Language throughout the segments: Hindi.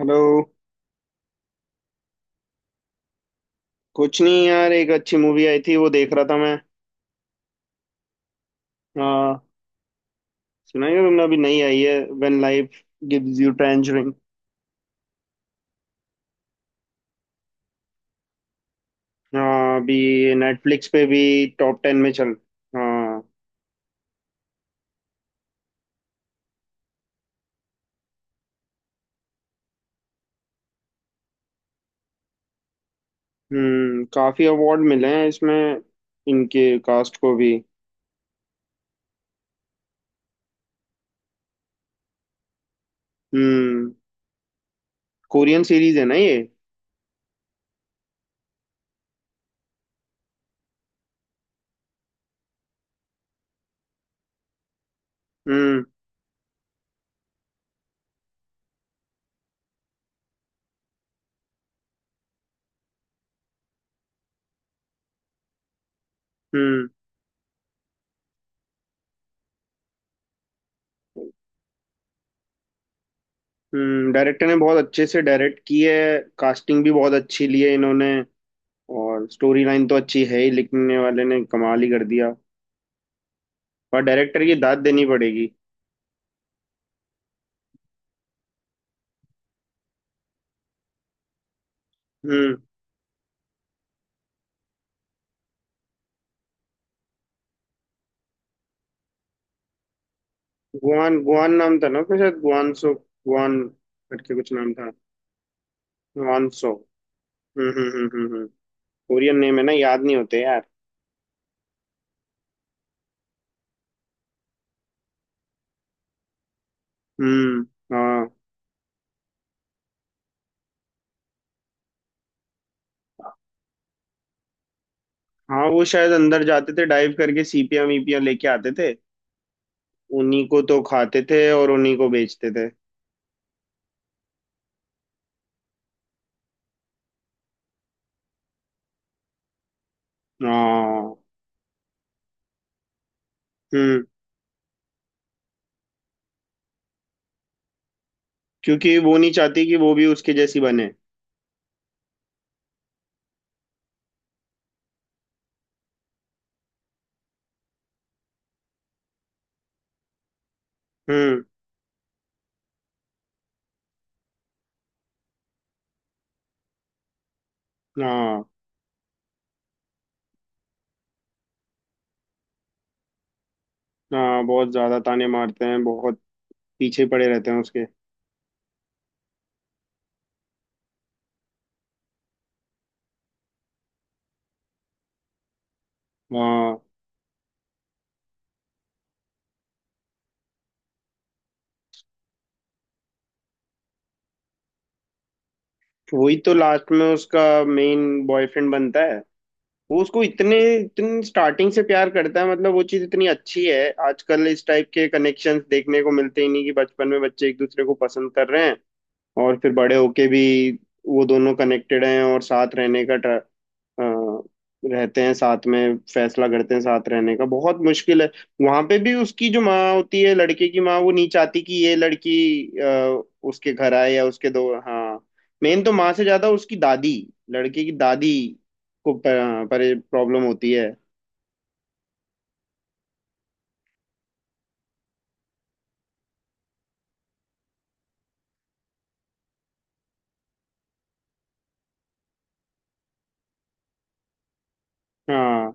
हेलो। कुछ नहीं यार, एक अच्छी मूवी आई थी वो देख रहा था मैं। हाँ, सुना है तुमने? अभी नई आई है when life gives you tangerine. हाँ अभी। नेटफ्लिक्स पे भी टॉप टेन में चल। हाँ। हम्म, काफी अवार्ड मिले हैं इसमें, इनके कास्ट को भी। हम्म, कोरियन सीरीज है ना ये? हम्म हम्म हम्म। डायरेक्टर ने बहुत अच्छे से डायरेक्ट की है, कास्टिंग भी बहुत अच्छी ली है इन्होंने। और स्टोरी लाइन तो अच्छी है ही, लिखने वाले ने कमाल ही कर दिया। और डायरेक्टर की दाद देनी पड़ेगी। हम्म। गुआन गुआन नाम था ना उसका, शायद गुआनसो। गुआन करके कुछ नाम था। गुआनसो। हम्म। कोरियन नेम है ना, याद नहीं होते यार। हम्म। हाँ। हाँ वो शायद अंदर जाते थे, डाइव करके सीपियां वीपियां लेके आते थे। उन्हीं को तो खाते थे और उन्हीं को बेचते थे। हाँ। हम्म। क्योंकि वो नहीं चाहती कि वो भी उसके जैसी बने। हम्म। हाँ। हाँ बहुत ज्यादा ताने मारते हैं, बहुत पीछे पड़े रहते हैं उसके। हाँ। वही तो लास्ट में उसका मेन बॉयफ्रेंड बनता है। वो उसको इतने इतने स्टार्टिंग से प्यार करता है, मतलब वो चीज इतनी अच्छी है। आजकल इस टाइप के कनेक्शंस देखने को मिलते ही नहीं कि बचपन में बच्चे एक दूसरे को पसंद कर रहे हैं। और फिर बड़े होके भी वो दोनों कनेक्टेड हैं और साथ रहने का अ, रहते हैं साथ में, फैसला करते हैं साथ रहने का, बहुत मुश्किल है। वहां पे भी उसकी जो माँ होती है, लड़के की माँ वो नहीं चाहती कि ये लड़की उसके घर आए या उसके। दो हाँ। मेन तो माँ से ज्यादा उसकी दादी, लड़के की दादी को पर प्रॉब्लम होती है। हाँ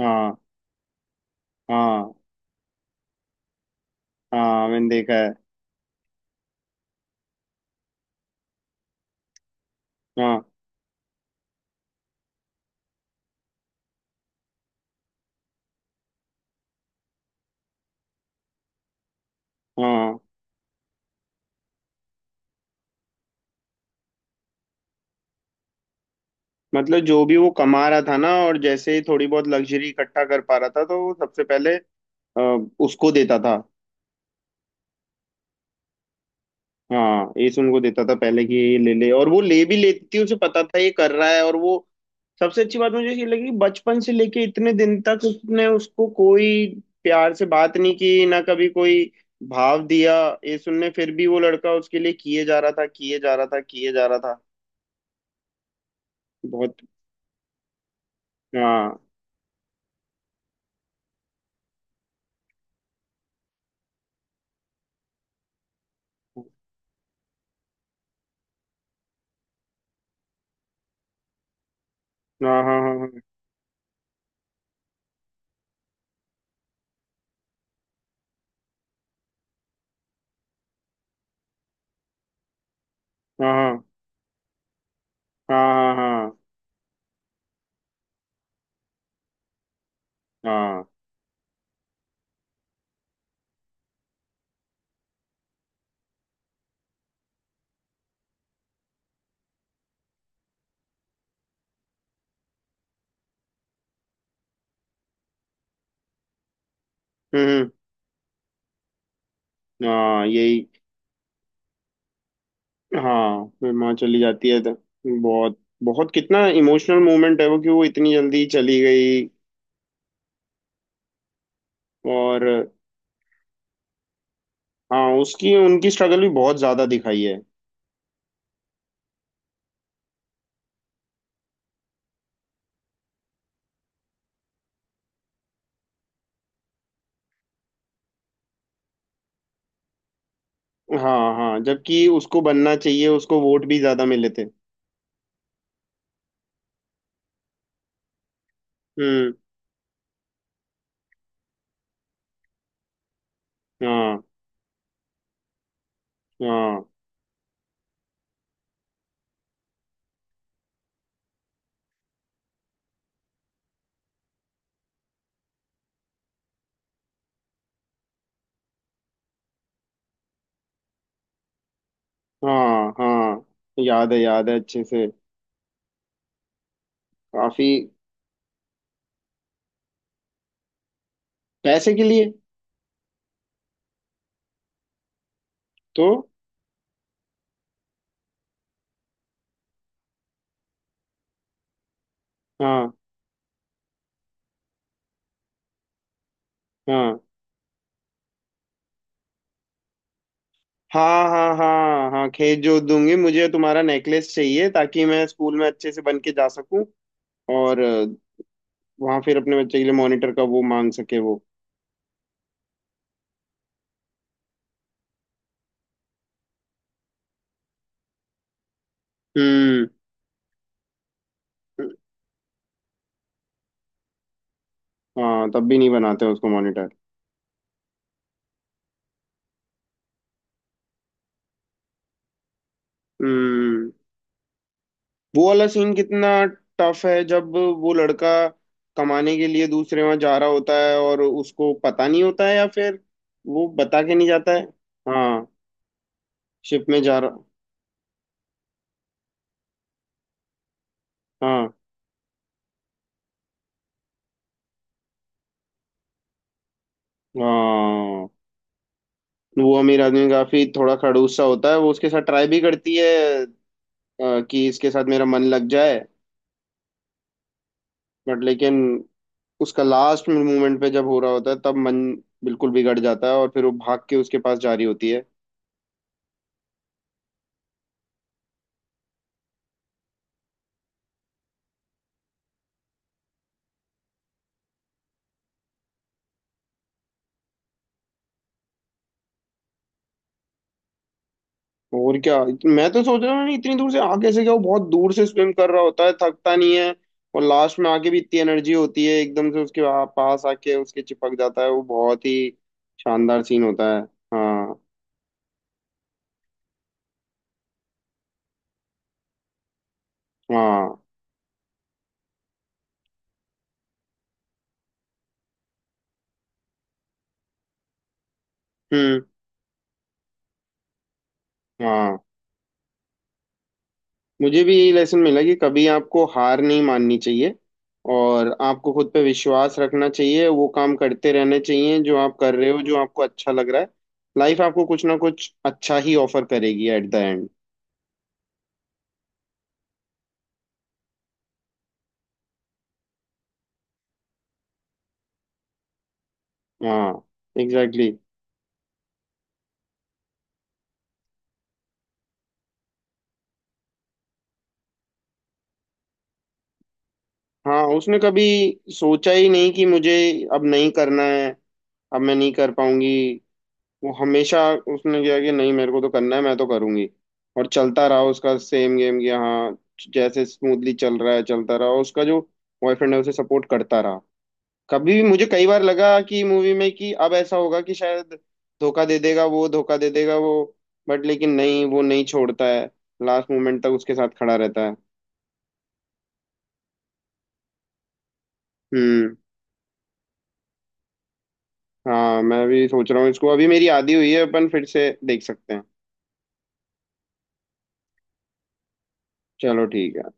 हाँ हाँ हाँ। मैंने देखा है। हाँ हाँ। मतलब जो भी वो कमा रहा था ना, और जैसे ही थोड़ी बहुत लग्जरी इकट्ठा कर पा रहा था तो वो सबसे पहले अ, उसको देता था। हाँ एस उनको देता था पहले कि ये ले ले, और वो ले भी लेती थी, उसे पता था ये कर रहा है। और वो सबसे अच्छी बात मुझे ये लगी, बचपन से लेके इतने दिन तक उसने उसको कोई प्यार से बात नहीं की ना, कभी कोई भाव दिया। ये सुनने फिर भी वो लड़का उसके लिए किए जा रहा था, किए जा रहा था, किए जा रहा था। बहुत। हाँ हाँ हाँ हाँ हाँ हाँ हाँ हाँ हाँ हाँ हाँ। हम्म। हाँ, यही। हाँ फिर माँ चली जाती है तो बहुत, बहुत कितना इमोशनल मोमेंट है वो, कि वो इतनी जल्दी चली गई। और हाँ उसकी उनकी स्ट्रगल भी बहुत ज्यादा दिखाई है। हाँ हाँ जबकि उसको बनना चाहिए, उसको वोट भी ज्यादा मिले थे। हम्म। हाँ हाँ हाँ हाँ याद है, याद है अच्छे से। काफी। पैसे के लिए। तो हाँ हाँ हाँ हाँ हाँ हाँ खेत जोत दूंगी, मुझे तुम्हारा नेकलेस चाहिए ताकि मैं स्कूल में अच्छे से बन के जा सकूं। और वहां फिर अपने बच्चे के लिए मॉनिटर का वो मांग सके वो। हम्म। हाँ तब भी नहीं बनाते उसको मॉनिटर। हम्म। वो वाला सीन कितना टफ है, जब वो लड़का कमाने के लिए दूसरे वहां जा रहा होता है और उसको पता नहीं होता है, या फिर वो बता के नहीं जाता है। हाँ शिप में जा रहा। हाँ। हाँ वो अमीर आदमी काफी थोड़ा खड़ूस सा होता है, वो उसके साथ ट्राई भी करती है कि इसके साथ मेरा मन लग जाए। बट लेकिन उसका लास्ट मोमेंट पे जब हो रहा होता है तब मन बिल्कुल बिगड़ जाता है, और फिर वो भाग के उसके पास जा रही होती है। और क्या, मैं तो सोच रहा हूँ, नहीं, इतनी दूर से आगे से क्या, वो बहुत दूर से स्विम कर रहा होता है, थकता नहीं है? और लास्ट में आके भी इतनी एनर्जी होती है, एकदम से उसके वहाँ पास आके उसके चिपक जाता है, वो बहुत ही शानदार सीन होता है। हाँ हाँ। हम्म। हाँ मुझे भी यही लेसन मिला कि कभी आपको हार नहीं माननी चाहिए, और आपको खुद पे विश्वास रखना चाहिए, वो काम करते रहने चाहिए जो आप कर रहे हो, जो आपको अच्छा लग रहा है। लाइफ आपको कुछ ना कुछ अच्छा ही ऑफर करेगी एट द एंड। हाँ, एग्जैक्टली exactly। हाँ उसने कभी सोचा ही नहीं कि मुझे अब नहीं करना है, अब मैं नहीं कर पाऊंगी। वो हमेशा उसने किया कि नहीं, मेरे को तो करना है, मैं तो करूंगी। और चलता रहा उसका सेम गेम कि हाँ जैसे स्मूथली चल रहा है, चलता रहा उसका, जो बॉयफ्रेंड है उसे सपोर्ट करता रहा। कभी भी मुझे कई बार लगा कि मूवी में कि अब ऐसा होगा कि शायद धोखा दे देगा वो, धोखा दे देगा वो, बट लेकिन नहीं, वो नहीं छोड़ता है, लास्ट मोमेंट तक उसके साथ खड़ा रहता है। हम्म। हाँ मैं भी सोच रहा हूँ इसको, अभी मेरी आदी हुई है, अपन फिर से देख सकते हैं। चलो ठीक है।